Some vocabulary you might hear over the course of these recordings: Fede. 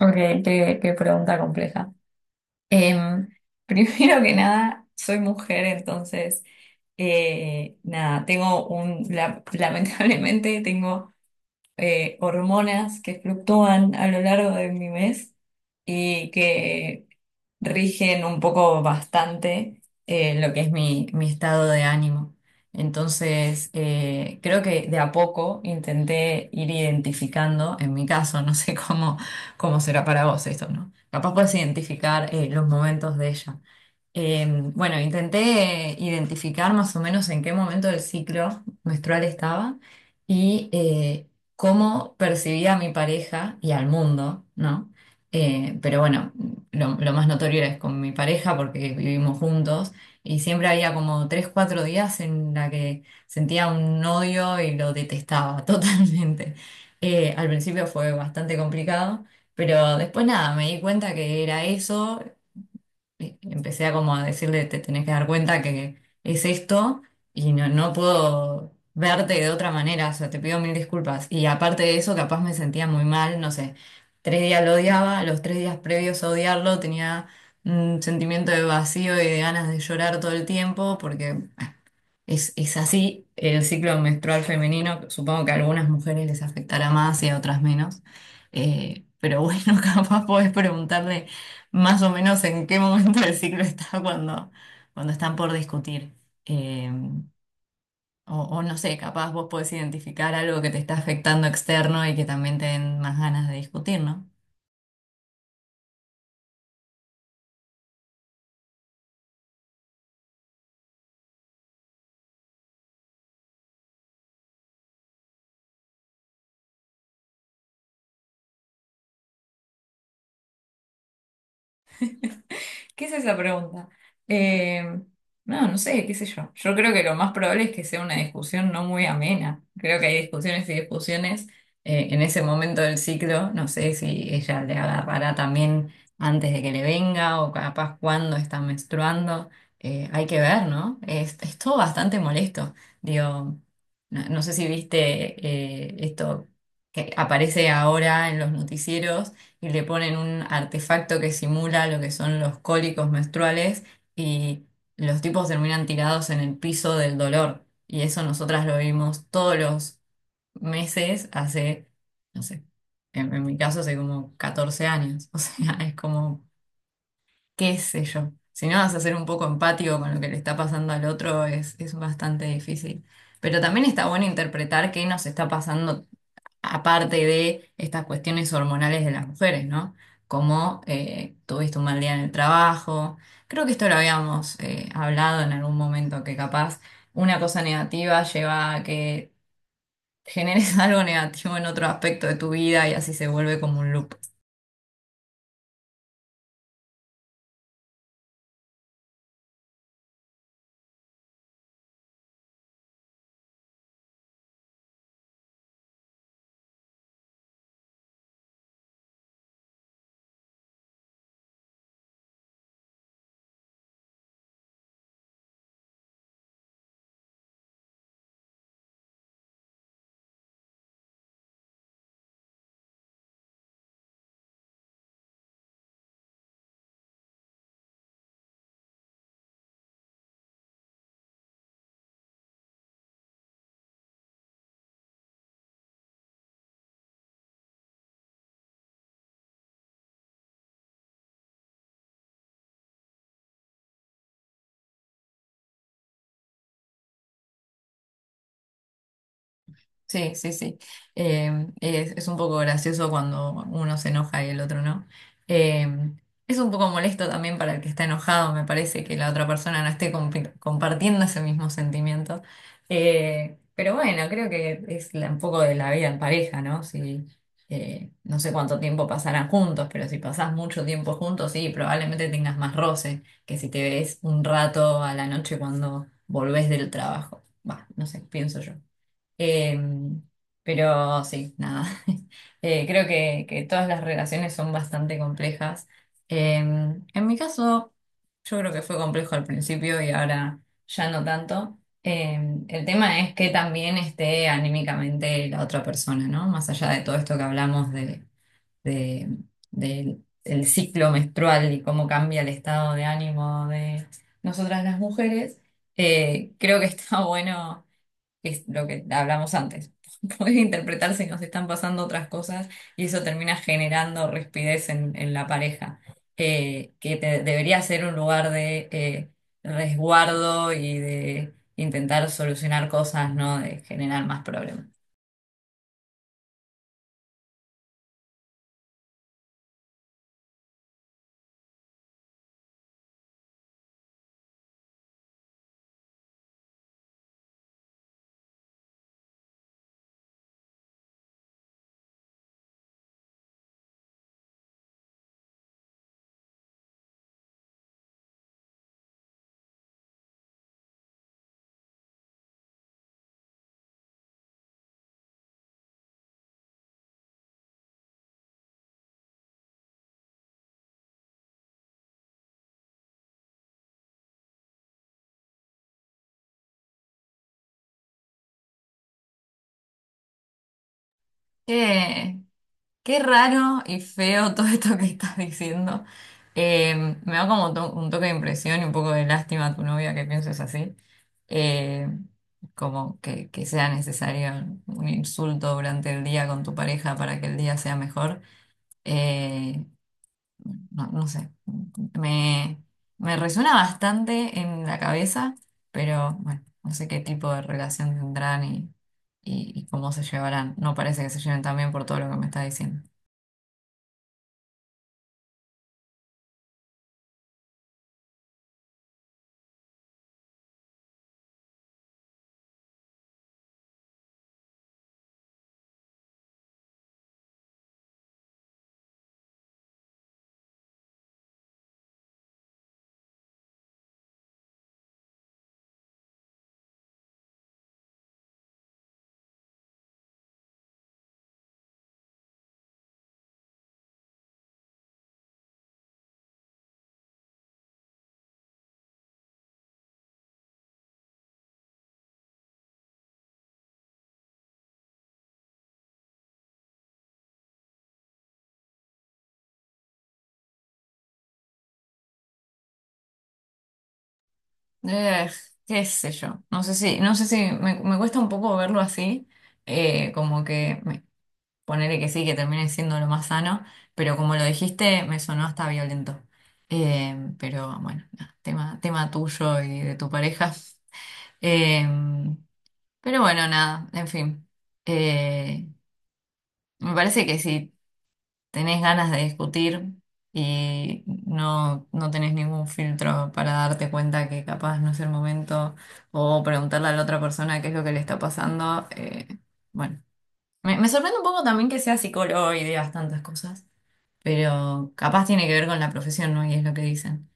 Ok, qué pregunta compleja. Em, primero que nada, soy mujer, entonces, nada, tengo lamentablemente tengo hormonas que fluctúan a lo largo de mi mes y que rigen un poco bastante lo que es mi estado de ánimo. Entonces, creo que de a poco intenté ir identificando, en mi caso, no sé cómo, cómo será para vos esto, ¿no? Capaz puedes identificar los momentos de ella. Eh, bueno, intenté identificar más o menos en qué momento del ciclo menstrual estaba y cómo percibía a mi pareja y al mundo, ¿no? Pero bueno lo más notorio es con mi pareja porque vivimos juntos y siempre había como tres, cuatro días en la que sentía un odio y lo detestaba totalmente. Al principio fue bastante complicado, pero después nada, me di cuenta que era eso empecé a como a decirle, te tenés que dar cuenta que es esto y no, no puedo verte de otra manera, o sea, te pido mil disculpas. Y aparte de eso, capaz me sentía muy mal, no sé, tres días lo odiaba, los tres días previos a odiarlo tenía un sentimiento de vacío y de ganas de llorar todo el tiempo porque es así el ciclo menstrual femenino, supongo que a algunas mujeres les afectará más y a otras menos. Pero bueno, capaz podés preguntarle más o menos en qué momento del ciclo está cuando están por discutir. Eh, o no sé, capaz vos podés identificar algo que te está afectando externo y que también te den más ganas de discutir, ¿no? ¿Qué es esa pregunta? Eh, no, no sé, qué sé yo. Yo creo que lo más probable es que sea una discusión no muy amena. Creo que hay discusiones y discusiones en ese momento del ciclo. No sé si ella le agarrará también antes de que le venga o capaz cuando está menstruando. Hay que ver, ¿no? Es todo bastante molesto. Digo, no, no sé si viste esto que aparece ahora en los noticieros y le ponen un artefacto que simula lo que son los cólicos menstruales y los tipos terminan tirados en el piso del dolor. Y eso nosotras lo vimos todos los meses hace, no sé, en mi caso hace como 14 años. O sea, es como, qué sé yo. Si no vas a ser un poco empático con lo que le está pasando al otro, es bastante difícil. Pero también está bueno interpretar qué nos está pasando aparte de estas cuestiones hormonales de las mujeres, ¿no? Como tuviste un mal día en el trabajo. Creo que esto lo habíamos hablado en algún momento, que capaz una cosa negativa lleva a que generes algo negativo en otro aspecto de tu vida y así se vuelve como un loop. Sí, sí, sí. Es un poco gracioso cuando uno se enoja y el otro no. Eh, es un poco molesto también para el que está enojado, me parece, que la otra persona no esté compartiendo ese mismo sentimiento. Pero bueno, creo que es un poco de la vida en pareja, ¿no? Si, no sé cuánto tiempo pasarán juntos, pero si pasás mucho tiempo juntos, sí, probablemente tengas más roce que si te ves un rato a la noche cuando volvés del trabajo. Va, no sé, pienso yo. Eh, pero sí, nada. Creo que todas las relaciones son bastante complejas. En mi caso, yo creo que fue complejo al principio y ahora ya no tanto. El tema es que también esté anímicamente la otra persona, ¿no? Más allá de todo esto que hablamos de- del del ciclo menstrual y cómo cambia el estado de ánimo de nosotras las mujeres, creo que está bueno es lo que hablamos antes. Podés interpretar si nos están pasando otras cosas y eso termina generando rispidez en la pareja, debería ser un lugar de resguardo y de intentar solucionar cosas, no de generar más problemas. Qué raro y feo todo esto que estás diciendo. Eh, me da como un toque de impresión y un poco de lástima a tu novia que pienses así. Eh, como que sea necesario un insulto durante el día con tu pareja para que el día sea mejor. Eh, no, no sé, me, me resuena bastante en la cabeza, pero bueno, no sé qué tipo de relación tendrán y cómo se llevarán. No parece que se lleven tan bien por todo lo que me está diciendo. Eh, qué sé yo, no sé si, no sé si me cuesta un poco verlo así, como que ponerle que sí, que termine siendo lo más sano, pero como lo dijiste, me sonó hasta violento. Pero bueno, nada, tema tuyo y de tu pareja. Eh, pero bueno, nada, en fin. Eh, me parece que sí tenés ganas de discutir y no, no tenés ningún filtro para darte cuenta que capaz no es el momento o preguntarle a la otra persona qué es lo que le está pasando. Bueno, me sorprende un poco también que sea psicólogo y digas tantas cosas, pero capaz tiene que ver con la profesión, ¿no? Y es lo que dicen.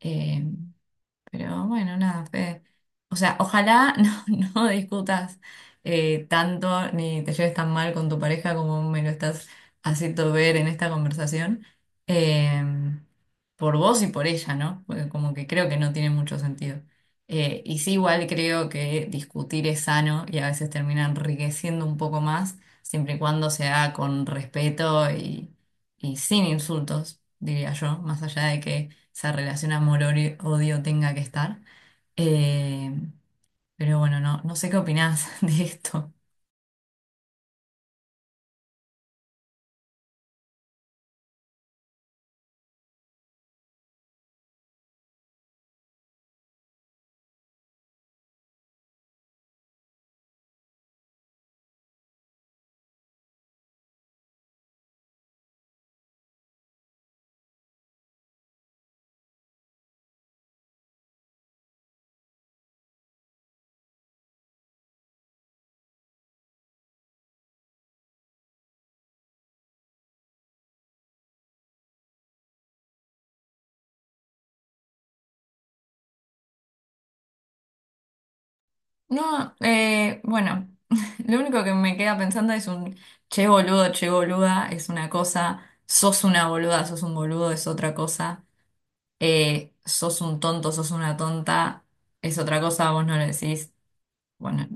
Eh, pero bueno, nada, Fede. O sea, ojalá no, no discutas tanto ni te lleves tan mal con tu pareja como me lo estás haciendo ver en esta conversación. eh, por vos y por ella, ¿no? Porque como que creo que no tiene mucho sentido. Y sí, igual creo que discutir es sano y a veces termina enriqueciendo un poco más, siempre y cuando se haga con respeto y sin insultos, diría yo, más allá de que esa relación amor-odio tenga que estar. Eh, pero bueno, no, no sé qué opinás de esto. No, bueno, lo único que me queda pensando es un che boludo, che boluda, es una cosa, sos una boluda, sos un boludo, es otra cosa, sos un tonto, sos una tonta, es otra cosa, vos no lo decís. Bueno,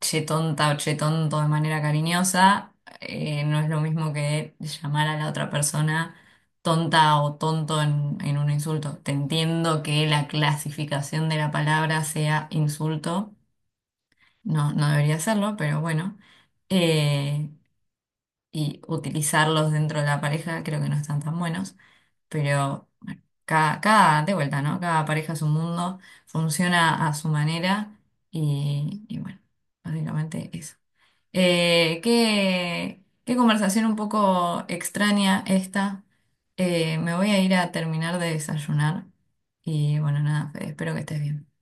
che tonta o che tonto de manera cariñosa, no es lo mismo que llamar a la otra persona tonta o tonto en un insulto. Te entiendo que la clasificación de la palabra sea insulto, no, no debería serlo, pero bueno. Eh, y utilizarlos dentro de la pareja, creo que no están tan buenos, pero bueno, cada, de vuelta, ¿no? Cada pareja es un mundo, funciona a su manera y bueno, básicamente eso. Qué conversación un poco extraña esta. Me voy a ir a terminar de desayunar y bueno, nada, Fede, espero que estés bien.